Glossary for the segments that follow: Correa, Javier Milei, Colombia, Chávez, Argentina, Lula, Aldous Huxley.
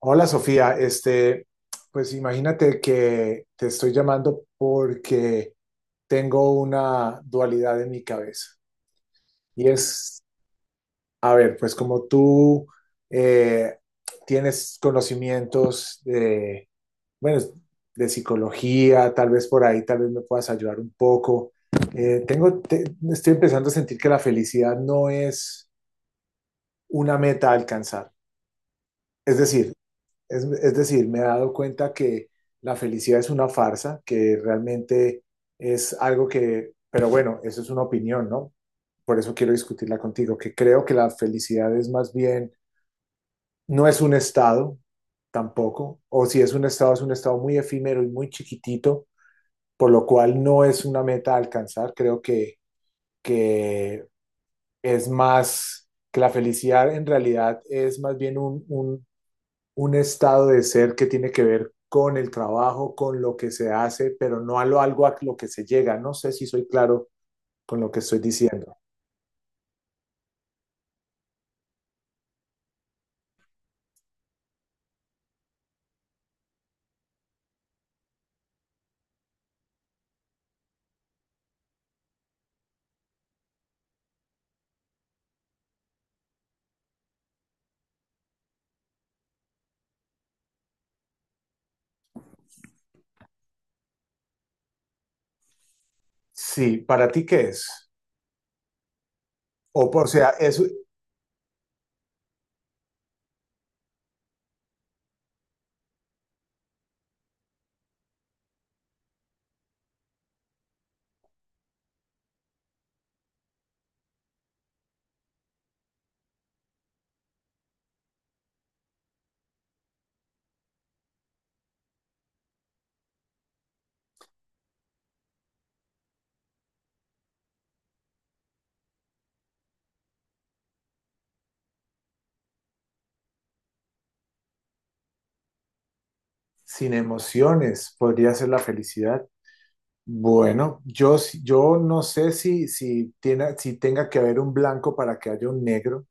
Hola Sofía, pues imagínate que te estoy llamando porque tengo una dualidad en mi cabeza. Y es, a ver, pues como tú eh, tienes conocimientos de, bueno, de psicología, tal vez por ahí, tal vez me puedas ayudar un poco. Eh, tengo, te- Estoy empezando a sentir que la felicidad no es una meta a alcanzar. Es decir, es decir, me he dado cuenta que la felicidad es una farsa, que realmente es algo que, pero bueno, eso es una opinión, ¿no? Por eso quiero discutirla contigo, que creo que la felicidad es más bien, no es un estado tampoco, o si es un estado, es un estado muy efímero y muy chiquitito, por lo cual no es una meta a alcanzar. Creo que es más, que la felicidad en realidad es más bien un estado de ser que tiene que ver con el trabajo, con lo que se hace, pero no a lo algo a lo que se llega. No sé si soy claro con lo que estoy diciendo. Sí, ¿para ti qué es? O sea, eso sin emociones podría ser la felicidad. Bueno, yo no sé si tenga que haber un blanco para que haya un negro,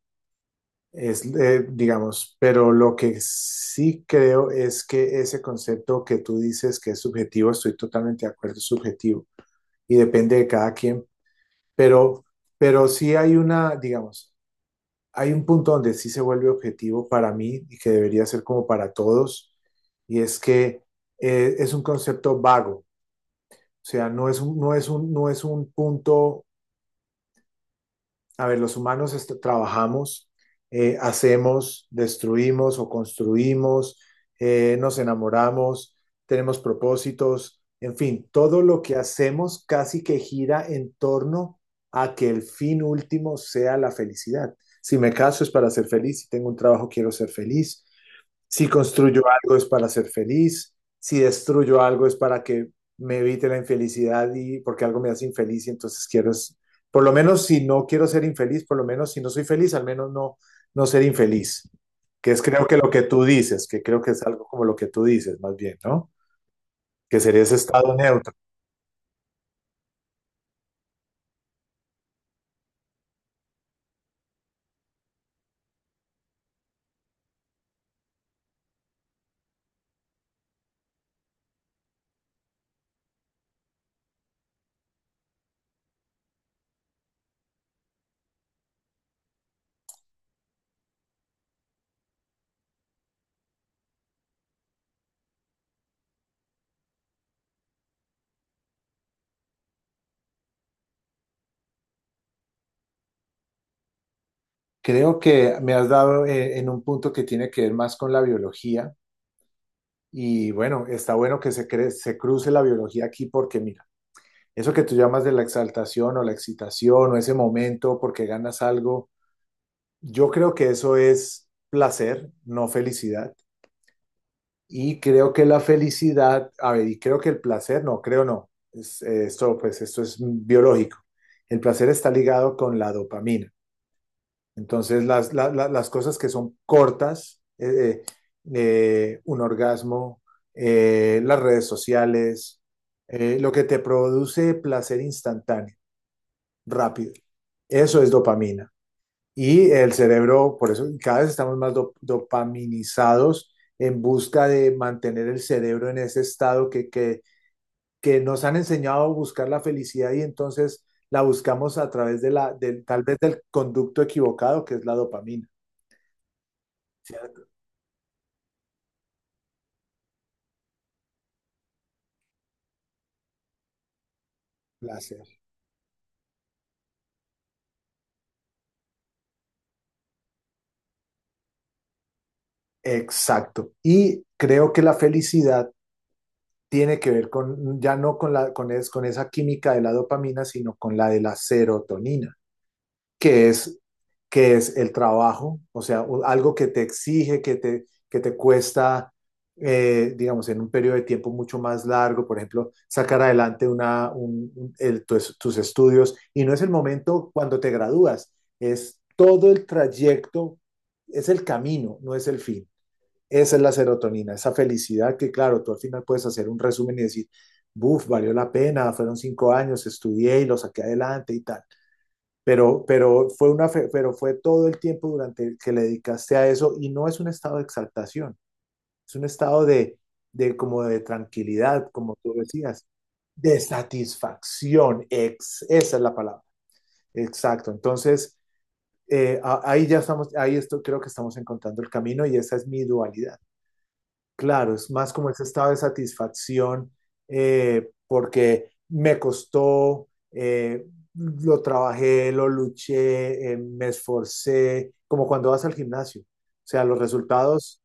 digamos, pero lo que sí creo es que ese concepto que tú dices que es subjetivo, estoy totalmente de acuerdo, es subjetivo. Y depende de cada quien, pero, pero sí hay una, digamos, hay un punto donde sí se vuelve objetivo para mí y que debería ser como para todos, y es que es un concepto vago, o sea, no es un punto. A ver, trabajamos, hacemos, destruimos o construimos, nos enamoramos, tenemos propósitos, en fin, todo lo que hacemos casi que gira en torno a que el fin último sea la felicidad. Si me caso es para ser feliz, si tengo un trabajo quiero ser feliz, si construyo algo es para ser feliz, si destruyo algo es para que me evite la infelicidad y porque algo me hace infeliz y entonces por lo menos si no quiero ser infeliz, por lo menos si no soy feliz, al menos no, no ser infeliz, que es creo que lo que tú dices, que creo que es algo como lo que tú dices más bien, ¿no? Que sería ese estado neutro. Creo que me has dado en un punto que tiene que ver más con la biología y bueno, está bueno que se cruce la biología aquí porque mi... Eso que tú llamas de la exaltación o la excitación o ese momento porque ganas algo, yo creo que eso es placer, no felicidad. Y creo que la felicidad, a ver, y creo que el placer, no, creo no, esto es biológico. El placer está ligado con la dopamina. Entonces, las cosas que son cortas, un orgasmo, las redes sociales, lo que te produce placer instantáneo, rápido. Eso es dopamina. Y el cerebro, por eso cada vez estamos más dopaminizados en busca de mantener el cerebro en ese estado que nos han enseñado a buscar la felicidad y entonces la buscamos a través de tal vez del conducto equivocado que es la dopamina. ¿Cierto? Placer. Exacto. Y creo que la felicidad tiene que ver con, ya no con la, con, es- con, esa química de la dopamina, sino con la de la serotonina, que es, que es el trabajo, o sea, algo que te exige, que te cuesta, digamos, en un periodo de tiempo mucho más largo, por ejemplo, sacar adelante una, un- el- tus, tus estudios. Y no es el momento cuando te gradúas, es todo el trayecto, es el camino, no es el fin. Esa es la serotonina, esa felicidad que, claro, tú al final puedes hacer un resumen y decir, buf, valió la pena, fueron cinco años, estudié y lo saqué adelante y tal. Pero, pero fue todo el tiempo durante el que le dedicaste a eso y no es un estado de exaltación, es un estado de como de tranquilidad, como tú decías, de satisfacción, ex, esa es la palabra, exacto. Entonces, ahí ya estamos, ahí esto, creo que estamos encontrando el camino y esa es mi dualidad. Claro, es más como ese estado de satisfacción porque me costó, lo trabajé, lo luché, me esforcé, como cuando vas al gimnasio. O sea, los resultados,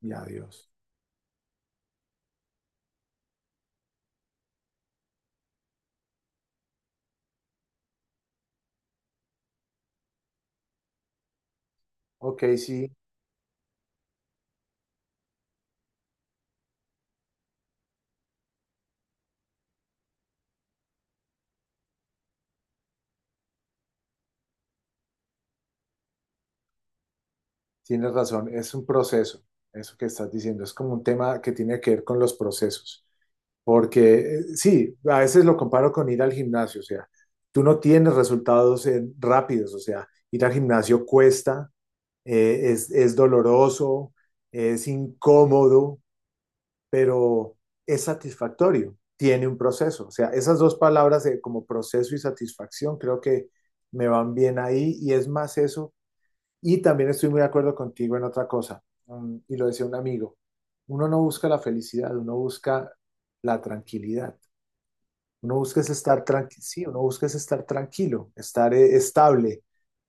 ya Dios. Ok, sí, tienes razón, es un proceso, eso que estás diciendo, es como un tema que tiene que ver con los procesos, porque sí, a veces lo comparo con ir al gimnasio, o sea, tú no tienes resultados rápidos, o sea, ir al gimnasio cuesta, es doloroso, es incómodo, pero es satisfactorio, tiene un proceso. O sea, esas dos palabras de como proceso y satisfacción creo que me van bien ahí y es más eso. Y también estoy muy de acuerdo contigo en otra cosa, y lo decía un amigo, uno no busca la felicidad, uno busca la tranquilidad. Uno busca es estar tranquilo, sí, uno busca es estar tranquilo, estar estable,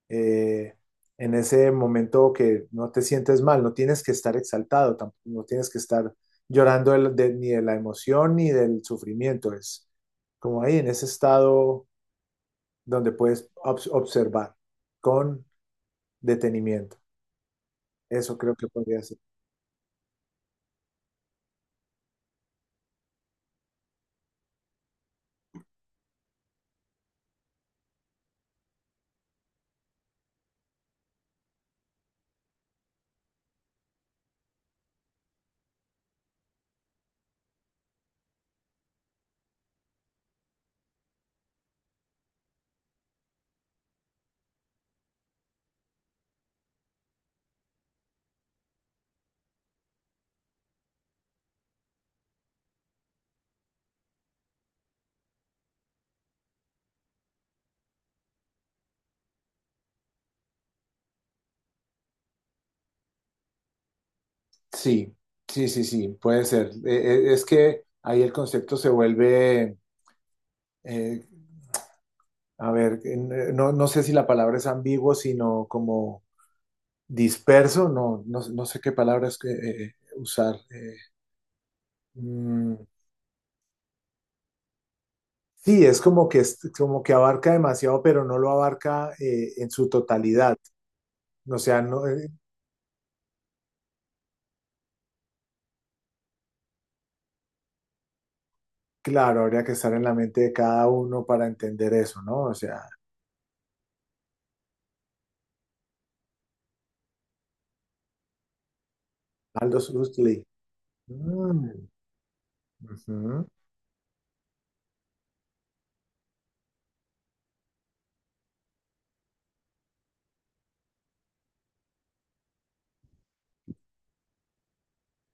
eh, en ese momento que no te sientes mal, no tienes que estar exaltado, tampoco, no tienes que estar llorando ni de la emoción ni del sufrimiento, es como ahí en ese estado donde puedes observar con detenimiento. Eso creo que podría ser. Sí, sí, sí, sí, puede ser. Es que ahí el concepto se vuelve, eh, a ver, no, no sé si la palabra es ambiguo, sino como disperso, no, no, no sé qué palabras que, usar. mm, sí, es como que, como que abarca demasiado, pero no lo abarca en su totalidad. O sea, no, Claro, habría que estar en la mente de cada uno para entender eso, ¿no? O sea, Aldous Huxley. Mm, ujú.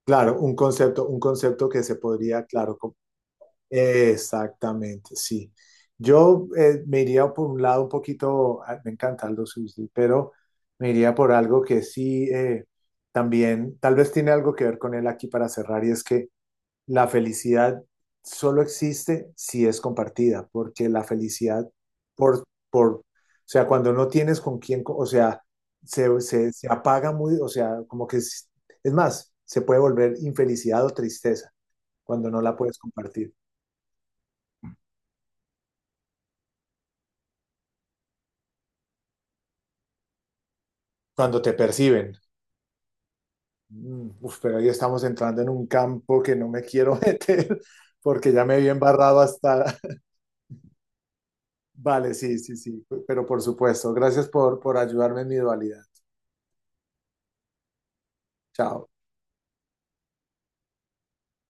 Claro, un concepto que se podría, claro, com-. Exactamente, sí. Yo me iría por un lado un poquito, ah, me encanta Aldo Huxley, pero me iría por algo que sí también, tal vez tiene algo que ver con él aquí para cerrar, y es que la felicidad solo existe si es compartida, porque la felicidad por, por, o cuando no tienes con quién, o sea, se apaga muy, o sea, como que es más, se puede volver infelicidad o tristeza cuando no la puedes compartir. Cuando te perciben. Mm, uf, pero ahí estamos entrando en un campo que no me quiero meter porque ya me vi embarrado hasta... Vale, sí, pero por supuesto, gracias por ayudarme en mi dualidad. Chao.